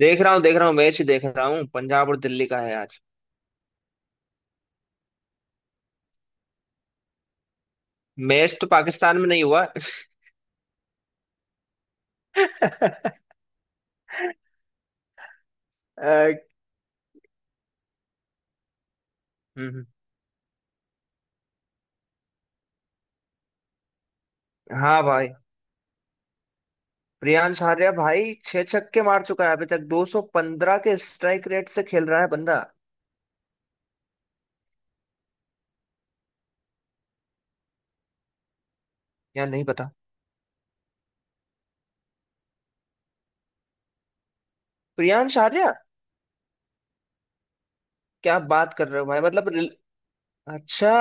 देख रहा हूँ मैच देख रहा हूँ। पंजाब और दिल्ली का है आज। मैच तो पाकिस्तान में नहीं हुआ। अ, हम्म, हाँ भाई। प्रियांश आर्या भाई छह छक्के मार चुका है, अभी तक 215 के स्ट्राइक रेट से खेल रहा है बंदा। या नहीं पता। प्रियांश आर्या, क्या बात कर रहे हो भाई? मतलब अच्छा।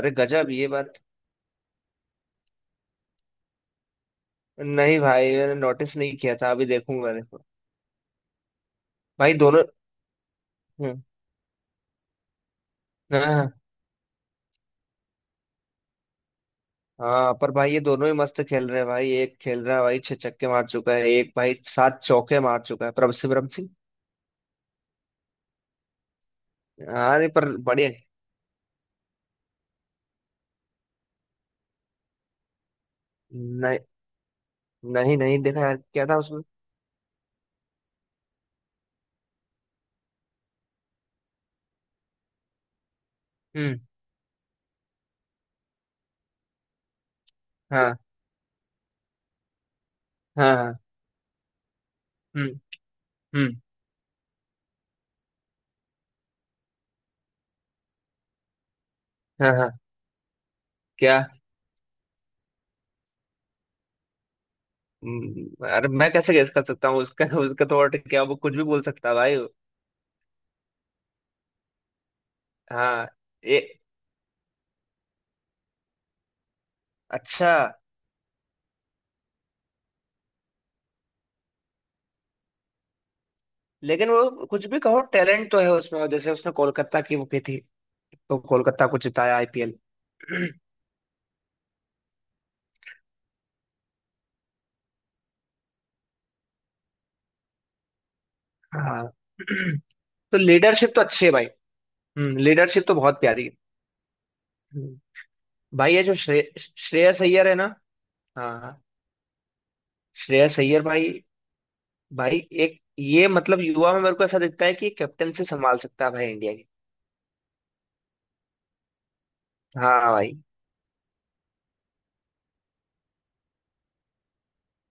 अरे गजब ये बात। नहीं भाई, मैंने नोटिस नहीं किया था, अभी देखूंगा देखो। भाई दोनों। हम्म, हाँ हाँ। हाँ पर भाई ये दोनों ही मस्त खेल रहे हैं भाई। एक खेल रहा है भाई, छह छक्के मार चुका है, एक भाई सात चौके मार चुका है, प्रभ सिमरन सिंह। हाँ नहीं, पर बढ़िया। नहीं नहीं, नहीं देखा यार, क्या था उसमें? हम्म। हाँ। हाँ हाँ, हम्म। हम्म। हाँ हाँ। क्या? अरे मैं कैसे गेस कर सकता हूँ उसका? उसका तो और क्या, वो कुछ भी बोल सकता है भाई। हाँ। ये। अच्छा। लेकिन वो कुछ भी कहो, टैलेंट तो है उसमें। और जैसे उसने कोलकाता की वो की थी, तो कोलकाता को जिताया आईपीएल। हाँ। तो लीडरशिप तो अच्छी है भाई। हम्म, लीडरशिप तो बहुत प्यारी है। हम्म, भाई ये जो श्रेयस अय्यर है ना। हाँ हाँ, श्रेयस अय्यर भाई। भाई एक ये मतलब युवा में मेरे को ऐसा दिखता है कि कैप्टन से संभाल सकता है भाई इंडिया की। हाँ भाई।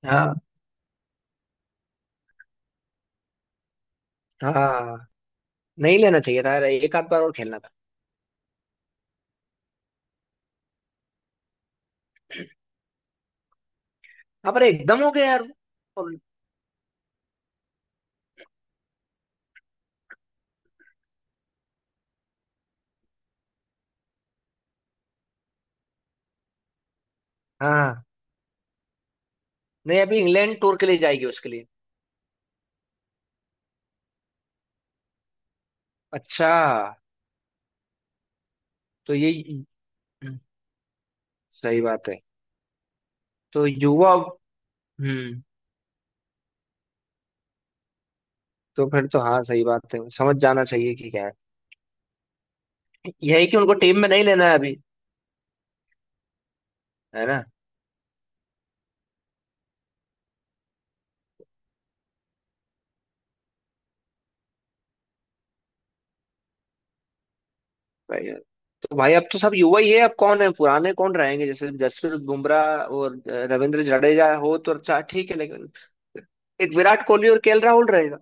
हाँ। हाँ नहीं लेना चाहिए था यार, एक आध बार और खेलना था। हाँ पर एकदम हो गया यार वो। और। हाँ। नहीं अभी इंग्लैंड टूर के लिए जाएगी उसके लिए। अच्छा। तो ये। हम्म, सही बात है। तो युवा। हम्म। तो फिर तो हाँ सही बात है, समझ जाना चाहिए कि क्या है। यही कि उनको टीम में नहीं लेना है अभी। है ना। भाई। तो भाई अब तो सब युवा ही है, अब कौन है पुराने, कौन रहेंगे? जैसे जसप्रीत बुमराह और रविंद्र जडेजा हो तो अच्छा ठीक है, लेकिन एक विराट कोहली और केएल राहुल रहेगा।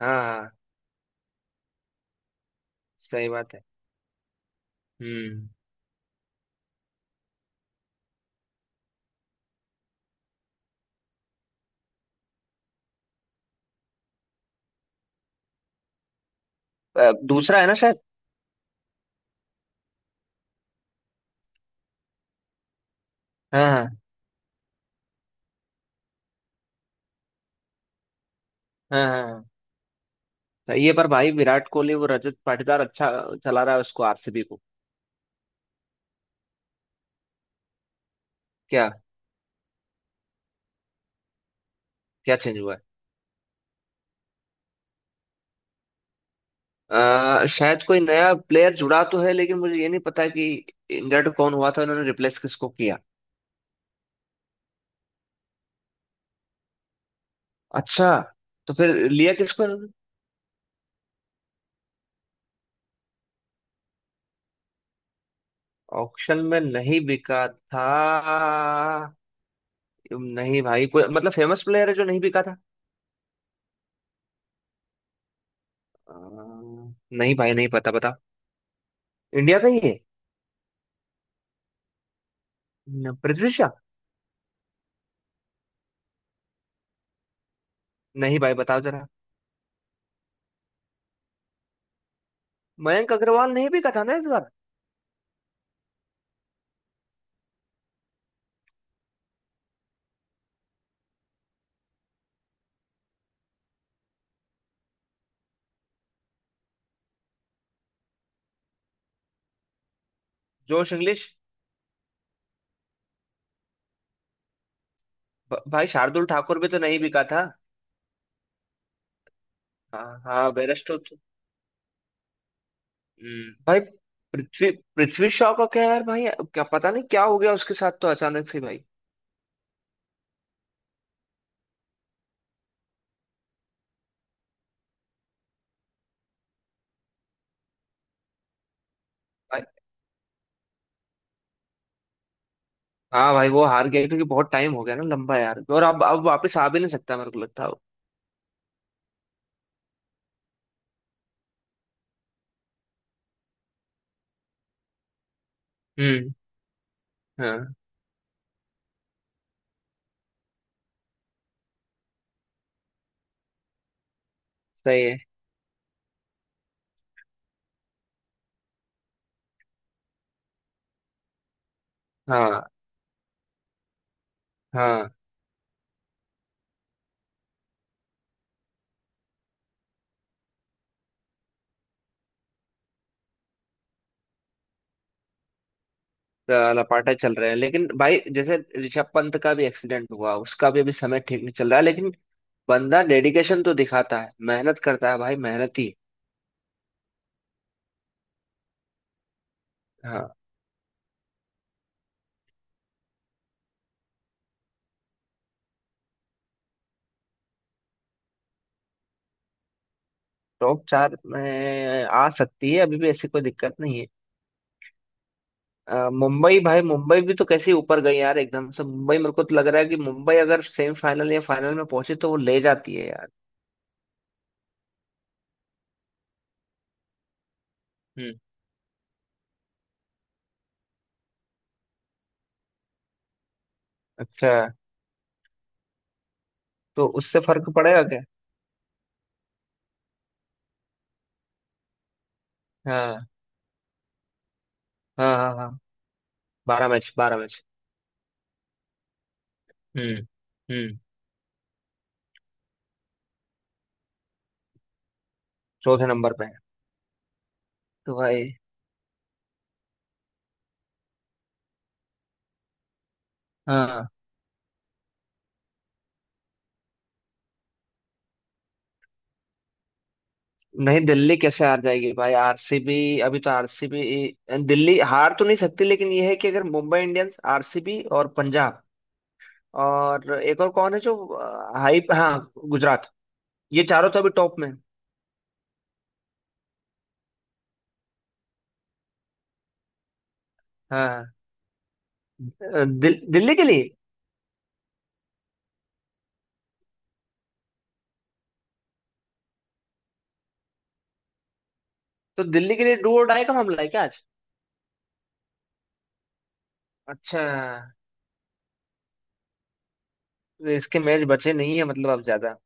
हाँ हाँ, सही बात है। हम्म। दूसरा है ना शायद। हाँ हाँ हाँ। हाँ हाँ। सही है पर भाई विराट कोहली, वो रजत पाटीदार अच्छा चला रहा है उसको, आरसीबी को। क्या? क्या चेंज हुआ है? शायद कोई नया प्लेयर जुड़ा तो है लेकिन मुझे ये नहीं पता कि इंजर्ड कौन हुआ था, उन्होंने रिप्लेस किसको किया। अच्छा। तो फिर लिया किसको इन्होंने? ऑक्शन में नहीं बिका था? नहीं भाई कोई मतलब फेमस प्लेयर है जो नहीं बिका था? अ, नहीं भाई नहीं पता, बता। इंडिया का ही है। न, पृथ्वी शॉ। नहीं भाई बताओ जरा। मयंक अग्रवाल नहीं बिका था ना इस बार? जोश इंग्लिश। भाई शार्दुल ठाकुर भी तो नहीं बिका था। हाँ हाँ, बेरस्टो तो। भाई पृथ्वी पृथ्वी शॉ का क्या यार भाई? क्या पता नहीं क्या हो गया उसके साथ तो अचानक से भाई। हाँ भाई वो हार गया क्योंकि बहुत टाइम हो गया ना लंबा यार, और अब वापस आ भी नहीं सकता, मेरे को लगता है वो। हम्म। हाँ सही है। हाँ हाँ। तो लपाटा चल रहे हैं लेकिन भाई जैसे ऋषभ पंत का भी एक्सीडेंट हुआ, उसका भी अभी समय ठीक नहीं चल रहा है, लेकिन बंदा डेडिकेशन तो दिखाता है, मेहनत करता है भाई, मेहनती। हाँ। टॉप चार में आ सकती है अभी भी, ऐसी कोई दिक्कत नहीं है। मुंबई भाई, मुंबई भी तो कैसे ऊपर गई यार एकदम से। मुंबई मेरे को तो लग रहा है कि मुंबई अगर सेमीफाइनल या फाइनल में पहुंचे तो वो ले जाती है। यार। अच्छा। तो उससे फर्क पड़ेगा क्या? हाँ हाँ हाँ। हाँ बारह मैच, बारह मैच। हम्म। हम्म। चौथे नंबर पे है? तो भाई। हाँ। नहीं दिल्ली कैसे हार जाएगी भाई, आरसीबी। अभी तो आरसीबी। दिल्ली हार तो नहीं सकती, लेकिन यह है कि अगर मुंबई इंडियंस, आरसीबी और पंजाब और एक और कौन है जो हाई, हाँ, गुजरात, ये चारों तो अभी टॉप में हैं। हाँ। दिल्ली के लिए। तो दिल्ली के लिए डू और डाई का मामला है क्या आज? अच्छा। तो इसके मैच बचे नहीं है मतलब अब ज्यादा।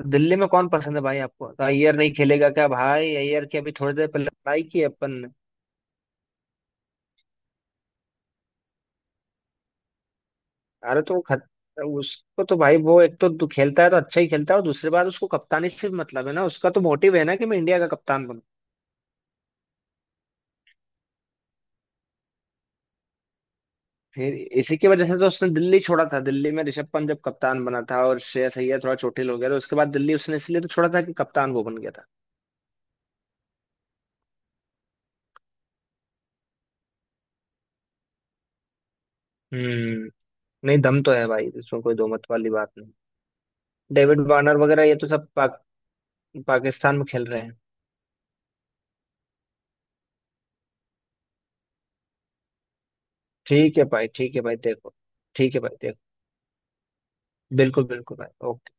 तो दिल्ली में कौन पसंद है भाई आपको? तो अय्यर नहीं खेलेगा क्या भाई? अय्यर की अभी थोड़ी देर पहले लड़ाई की है अपन ने। अरे तो वो खत उसको तो भाई वो एक तो खेलता है तो अच्छा ही खेलता है, और दूसरी बात उसको कप्तानी से भी मतलब है ना, उसका तो मोटिव है ना कि मैं इंडिया का कप्तान बनूं। फिर इसी की वजह से तो उसने दिल्ली छोड़ा था। दिल्ली में ऋषभ पंत जब कप्तान बना था और श्रेयस अय्यर थोड़ा चोटिल हो गया, तो उसके बाद दिल्ली उसने इसलिए तो छोड़ा था कि कप्तान वो बन गया था। हम्म। नहीं दम तो है भाई, इसमें कोई दो मत वाली बात नहीं। डेविड वार्नर वगैरह ये तो सब पाकिस्तान में खेल रहे हैं। ठीक है भाई, ठीक है भाई देखो। ठीक है भाई देखो। बिल्कुल बिल्कुल भाई, ओके।